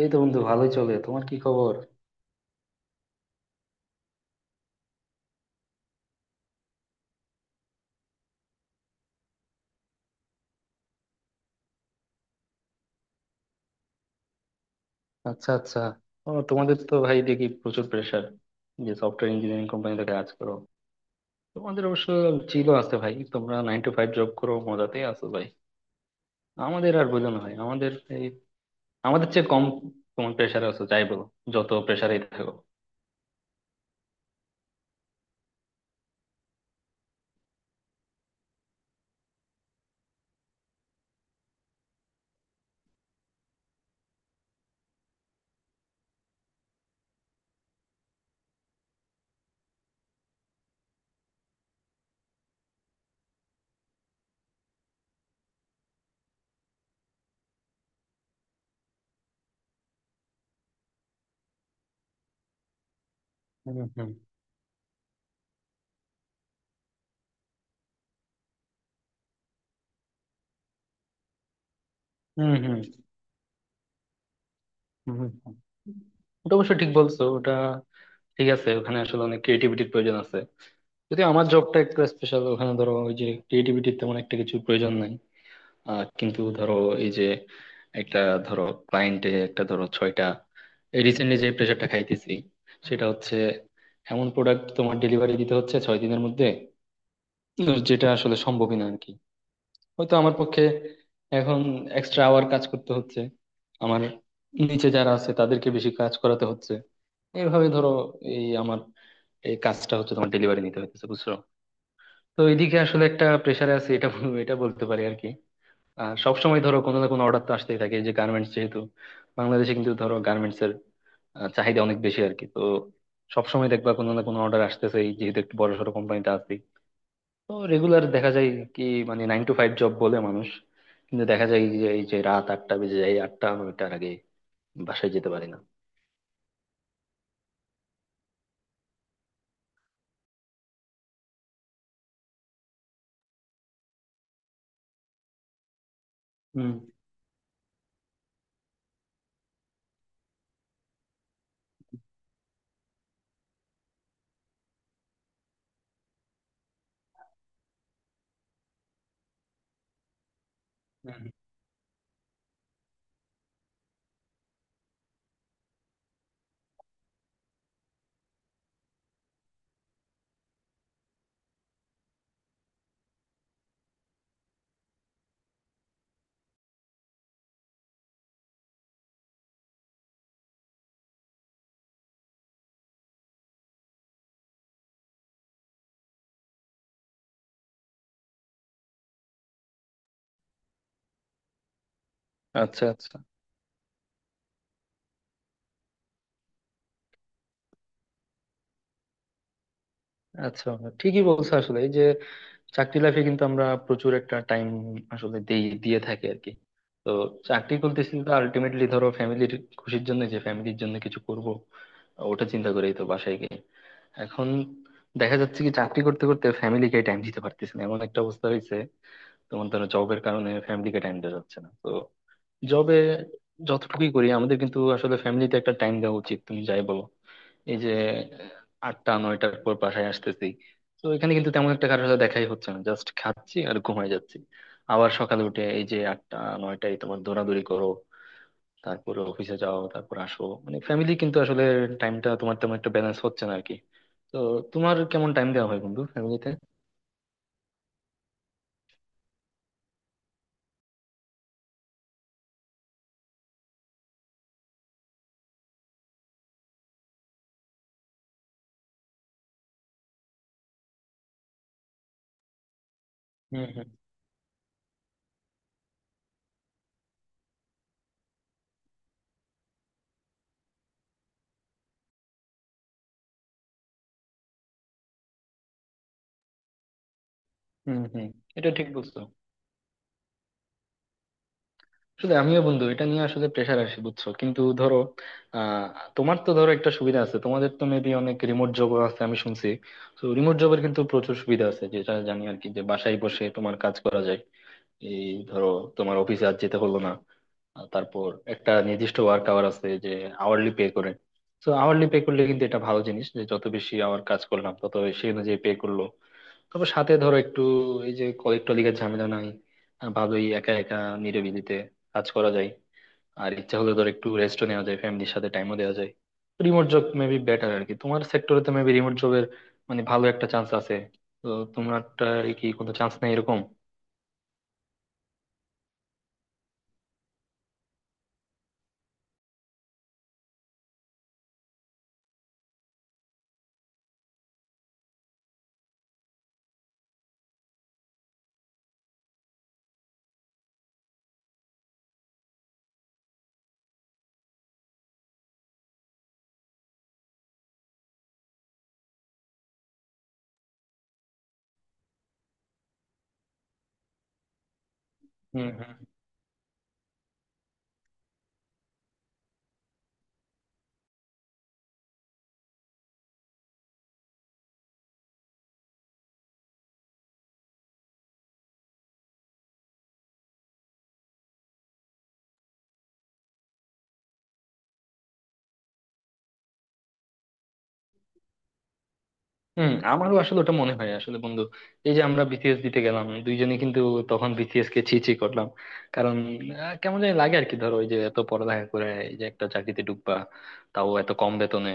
এই তো বন্ধু, ভালোই চলে। তোমার কি খবর? আচ্ছা আচ্ছা। ও তোমাদের তো ভাই দেখি প্রচুর প্রেসার, যে সফটওয়্যার ইঞ্জিনিয়ারিং কোম্পানিতে কাজ করো। তোমাদের অবশ্য চিলও আছে ভাই, তোমরা নাইন টু ফাইভ জব করো, মজাতেই আছো ভাই। আমাদের আর বলো না ভাই, আমাদের এই আমাদের চেয়ে কম তোমার প্রেসার আছো যাই বলো, যত প্রেসারেই থাকো। হুম হুম। হুম হুম। হুম হুম, হুম। ওটা অবশ্য ঠিক বলছো। ওটা ঠিক আছে, ওখানে আসলে অনেক ক্রিয়েটিভিটির প্রয়োজন আছে। যদি আমার জবটা একটু স্পেশাল, ওখানে ধরো ওই যে ক্রিয়েটিভিটির তেমন একটা কিছু প্রয়োজন নাই। কিন্তু ধরো, এই যে একটা ধরো ক্লায়েন্টে একটা ধরো ছয়টা, রিসেন্টলি যে প্রেশারটা খাইতেছি সেটা হচ্ছে এমন প্রোডাক্ট তোমার ডেলিভারি দিতে হচ্ছে 6 দিনের মধ্যে। তো যেটা আসলে সম্ভবই না আর কি, হয়তো আমার পক্ষে। এখন এক্সট্রা আওয়ার কাজ করতে হচ্ছে। আমার নিচে যারা আছে তাদেরকে বেশি কাজ করাতে হচ্ছে। এইভাবে ধরো এই আমার এই কাজটা হচ্ছে তোমার ডেলিভারি নিতে হইতেছে, বুঝছো? তো এইদিকে আসলে একটা প্রেশারে আছে, এটা এটা বলতে পারি আর কি। আর সবসময় ধরো কোনো না কোনো অর্ডার তো আসতেই থাকে, এই যে গার্মেন্টস যেহেতু, বাংলাদেশে কিন্তু ধরো গার্মেন্টস এর চাহিদা অনেক বেশি আর কি। তো সবসময় দেখবা কোনো না কোনো অর্ডার আসতেছে, এই যেহেতু একটু বড় সড়ো কোম্পানিতে আছি। তো রেগুলার দেখা যায় কি, মানে নাইন টু ফাইভ জব বলে মানুষ, কিন্তু দেখা যায় যে এই যে রাত 8টা বেজে যায়, 8টা 9টার আগে বাসায় যেতে পারি না। হুম হুম। আচ্ছা আচ্ছা। আচ্ছা, ঠিকই বলছো। আসলে এই যে চাকরি লাইফে কিন্তু আমরা প্রচুর একটা টাইম আসলে দেই, দিয়ে থাকি আর কি। তো চাকরি করতেছি তো আলটিমেটলি ধরো ফ্যামিলির খুশির জন্য, যে ফ্যামিলির জন্য কিছু করব, ওটা চিন্তা করেই তো বাসায় গিয়ে এখন দেখা যাচ্ছে কি চাকরি করতে করতে ফ্যামিলিকে টাইম দিতে পারতেছি না, এমন একটা অবস্থা হয়েছে। তোমার ধরো জবের কারণে ফ্যামিলিকে টাইম দেওয়া যাচ্ছে না। তো জবে যতটুকুই করি আমাদের কিন্তু আসলে ফ্যামিলিতে একটা টাইম দেওয়া উচিত, তুমি যাই বলো। এই যে 8টা 9টার পর বাসায় আসতেছি, তো এখানে কিন্তু তেমন একটা কারোর সাথে দেখাই হচ্ছে না, জাস্ট খাচ্ছি আর ঘুমাই যাচ্ছি। আবার সকালে উঠে এই যে 8টা 9টায় তোমার দৌড়াদৌড়ি করো, তারপরে অফিসে যাও, তারপর আসো। মানে ফ্যামিলি কিন্তু আসলে টাইমটা তোমার তেমন একটা ব্যালেন্স হচ্ছে না আর কি। তো তোমার কেমন টাইম দেওয়া হয় বন্ধু ফ্যামিলিতে? হুম হুম। হুম হুম। এটা ঠিক বলছো। আসলে আমিও বন্ধু এটা নিয়ে আসলে প্রেশার আসে, বুঝছো? কিন্তু ধরো, আহ তোমার তো ধরো একটা সুবিধা আছে, তোমাদের তো মেবি অনেক রিমোট জব আছে আমি শুনছি। তো রিমোট জবের কিন্তু প্রচুর সুবিধা আছে যেটা জানি আর কি, যে বাসায় বসে তোমার কাজ করা যায়। এই ধরো তোমার অফিসে আজ যেতে হলো না, আর তারপর একটা নির্দিষ্ট ওয়ার্ক আওয়ার আছে, যে আওয়ারলি পে করে। তো আওয়ারলি পে করলে কিন্তু এটা ভালো জিনিস, যে যত বেশি আওয়ার কাজ করলাম তত সেই অনুযায়ী পে করলো। তবে সাথে ধরো একটু এই যে কলিগ টলিগের ঝামেলা নাই, ভালোই একা একা নিরিবিলিতে কাজ করা যায়। আর ইচ্ছা হলে ধর একটু রেস্টও নেওয়া যায়, ফ্যামিলির সাথে টাইমও দেওয়া যায়। রিমোট জব মেবি বেটার আর কি, তোমার সেক্টরে তো মেবি রিমোট জবের মানে ভালো একটা চান্স আছে। তো তোমারটা কি কোনো চান্স নেই এরকম? হম হম। হম, আমারও আসলে ওটা মনে হয় আসলে বন্ধু। এই যে আমরা বিসিএস দিতে গেলাম 2 জনে, কিন্তু তখন বিসিএস কে ছি ছি করলাম। কারণ কেমন জানি লাগে আর কি। ধরো ওই যে এত পড়ালেখা করে এই যে একটা চাকরিতে ঢুকবা, তাও এত কম বেতনে।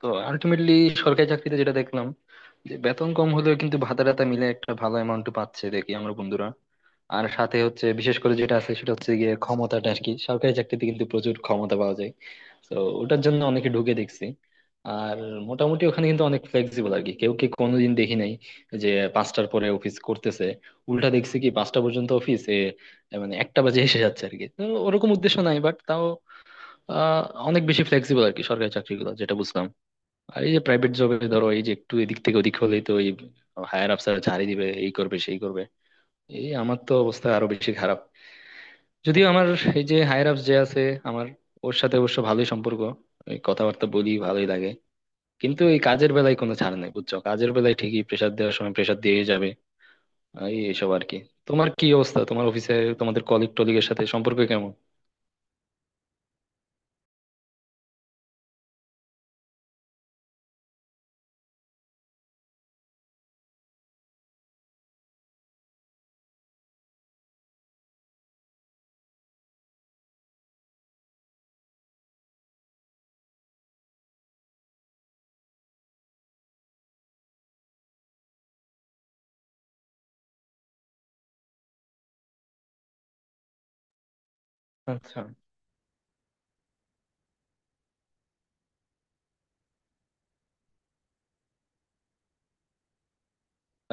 তো আলটিমেটলি সরকারি চাকরিতে যেটা দেখলাম, যে বেতন কম হলেও কিন্তু ভাতা টাতা মিলে একটা ভালো অ্যামাউন্ট পাচ্ছে দেখি আমরা বন্ধুরা। আর সাথে হচ্ছে, বিশেষ করে যেটা আছে সেটা হচ্ছে গিয়ে ক্ষমতাটা আর কি, সরকারি চাকরিতে কিন্তু প্রচুর ক্ষমতা পাওয়া যায়। তো ওটার জন্য অনেকে ঢুকে দেখছি। আর মোটামুটি ওখানে কিন্তু অনেক ফ্লেক্সিবল আর কি, কেউ কি কোনোদিন দেখি নাই যে 5টার পরে অফিস করতেছে। উল্টা দেখছি কি 5টা পর্যন্ত অফিসে মানে একটা বাজে এসে যাচ্ছে আর কি। তো ওরকম উদ্দেশ্য নাই, বাট তাও আহ অনেক বেশি ফ্লেক্সিবল আর কি সরকারি চাকরিগুলো, যেটা বুঝলাম। আর এই যে প্রাইভেট জবে ধরো এই যে একটু এদিক থেকে ওদিক হলেই তো এই হায়ার অফিসার ঝাড়ি দিবে, এই করবে সেই করবে। এই আমার তো অবস্থা আরো বেশি খারাপ। যদিও আমার এই যে হায়ার অফিস যে আছে, আমার ওর সাথে অবশ্য ভালোই সম্পর্ক, এই কথাবার্তা বলি ভালোই লাগে। কিন্তু এই কাজের বেলায় কোনো ছাড় নেই, বুঝছো? কাজের বেলায় ঠিকই প্রেসার দেওয়ার সময় প্রেসার দিয়ে যাবে। এই এইসব আর কি। তোমার কি অবস্থা তোমার অফিসে? তোমাদের কলিগ টলিগের সাথে সম্পর্ক কেমন? আচ্ছা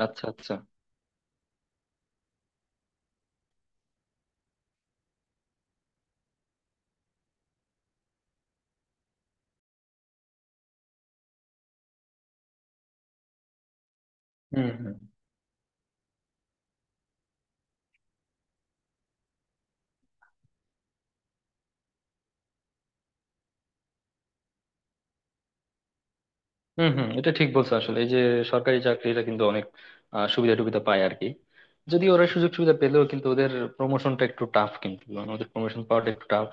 আচ্ছা। আচ্ছা। হুম হুম। হম হম। এটা ঠিক বলছো। আসলে এই যে সরকারি চাকরিরা কিন্তু অনেক সুবিধা টুবিধা পায় আর কি। যদি ওরা সুযোগ সুবিধা পেলেও কিন্তু ওদের প্রমোশনটা একটু টাফ, কিন্তু মানে ওদের প্রমোশন পাওয়াটা একটু টাফ।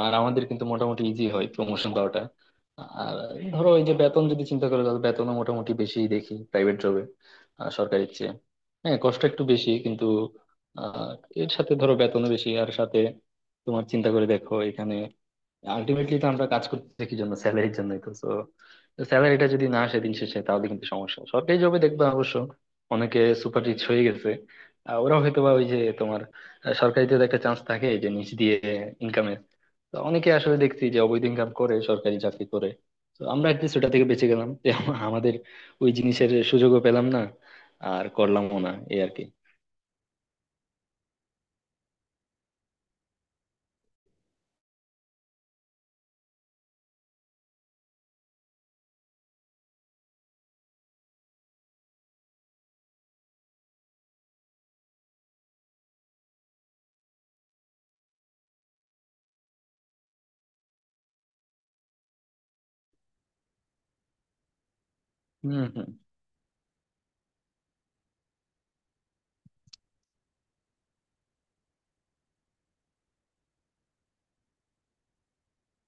আর আমাদের কিন্তু মোটামুটি ইজি হয় প্রমোশন পাওয়াটা। আর ধরো এই যে বেতন যদি চিন্তা করো, তাহলে বেতনও মোটামুটি বেশি দেখি প্রাইভেট জবে সরকারির চেয়ে। হ্যাঁ, কষ্ট একটু বেশি কিন্তু আহ এর সাথে ধরো বেতনও বেশি আর সাথে তোমার চিন্তা করে দেখো এখানে আলটিমেটলি তো আমরা কাজ করতেছি কি জন্য? স্যালারির জন্যই তো। তো স্যালারিটা যদি না আসে দিন শেষে, তাহলে কিন্তু সমস্যা। সরকারি জবে দেখবা অবশ্য অনেকে সুপার রিচ হয়ে গেছে। ওরা হয়তো বা ওই যে তোমার, সরকারিতে তো একটা চান্স থাকে যে নিচ দিয়ে ইনকামের। তো অনেকে আসলে দেখছি যে অবৈধ ইনকাম করে সরকারি চাকরি করে। তো আমরা অ্যাটলিস্ট ওটা থেকে বেঁচে গেলাম যে আমাদের ওই জিনিসের সুযোগও পেলাম না, আর করলামও না, এই আর কি। হম হম।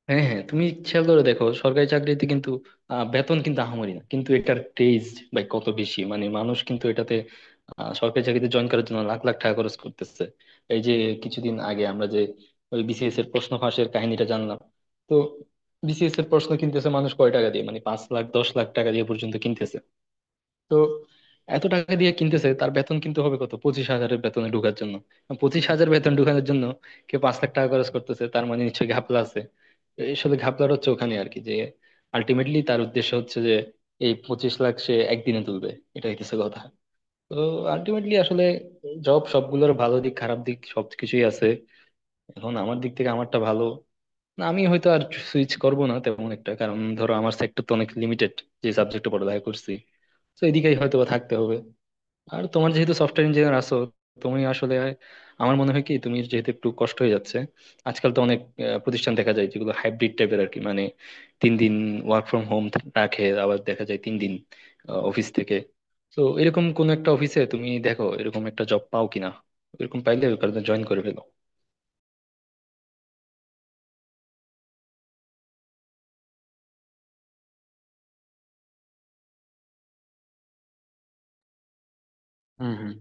হ্যাঁ হ্যাঁ, তুমি খেয়াল করে দেখো সরকারি চাকরিতে কিন্তু বেতন কিন্তু আহামরি না, কিন্তু এটার ক্রেজ ভাই কত বেশি! মানে মানুষ কিন্তু এটাতে সরকারি চাকরিতে জয়েন করার জন্য লাখ লাখ টাকা খরচ করতেছে। এই যে কিছুদিন আগে আমরা যে ওই বিসিএস এর প্রশ্ন ফাঁসের কাহিনীটা জানলাম, তো বিসিএস এর প্রশ্ন কিনতেছে মানুষ কয় টাকা দিয়ে, মানে 5 লাখ 10 লাখ টাকা দিয়ে পর্যন্ত কিনতেছে। তো এত টাকা দিয়ে কিনতেছে, তার বেতন কিন্তু হবে কত? 25 হাজারের বেতনে ঢোকার জন্য, 25 হাজার বেতন ঢোকানোর জন্য কেউ 5 লাখ টাকা খরচ করতেছে, তার মানে নিশ্চয়ই ঘাপলা আছে। আসলে ঘাপলার হচ্ছে ওখানে আর কি, যে আলটিমেটলি তার উদ্দেশ্য হচ্ছে যে এই 25 লাখ সে একদিনে তুলবে, এটা হইতেছে কথা। তো আলটিমেটলি আসলে জব সবগুলোর ভালো দিক খারাপ দিক সবকিছুই আছে। এখন আমার দিক থেকে আমারটা ভালো না। আমি হয়তো আর সুইচ করব না তেমন একটা, কারণ ধরো আমার সেক্টর তো অনেক লিমিটেড, যে সাবজেক্টে পড়ালেখা করছি। তো এদিকেই হয়তো বা থাকতে হবে। আর তোমার যেহেতু সফটওয়্যার ইঞ্জিনিয়ার আছো, তুমি আসলে, আমার মনে হয় কি তুমি যেহেতু একটু কষ্ট হয়ে যাচ্ছে, আজকাল তো অনেক প্রতিষ্ঠান দেখা যায় যেগুলো হাইব্রিড টাইপের আর কি। মানে 3 দিন ওয়ার্ক ফ্রম হোম রাখে, আবার দেখা যায় 3 দিন অফিস থেকে। তো এরকম কোন একটা অফিসে তুমি দেখো এরকম একটা জব পাও কিনা, এরকম পাইলে ওখানে জয়েন করে ফেলো। হুম হুম।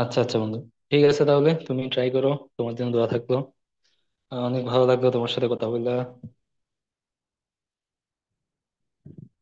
আচ্ছা আচ্ছা বন্ধু, ঠিক আছে, তাহলে তুমি ট্রাই করো। তোমার জন্য দোয়া থাকলো। অনেক ভালো লাগলো তোমার সাথে কথা বললা।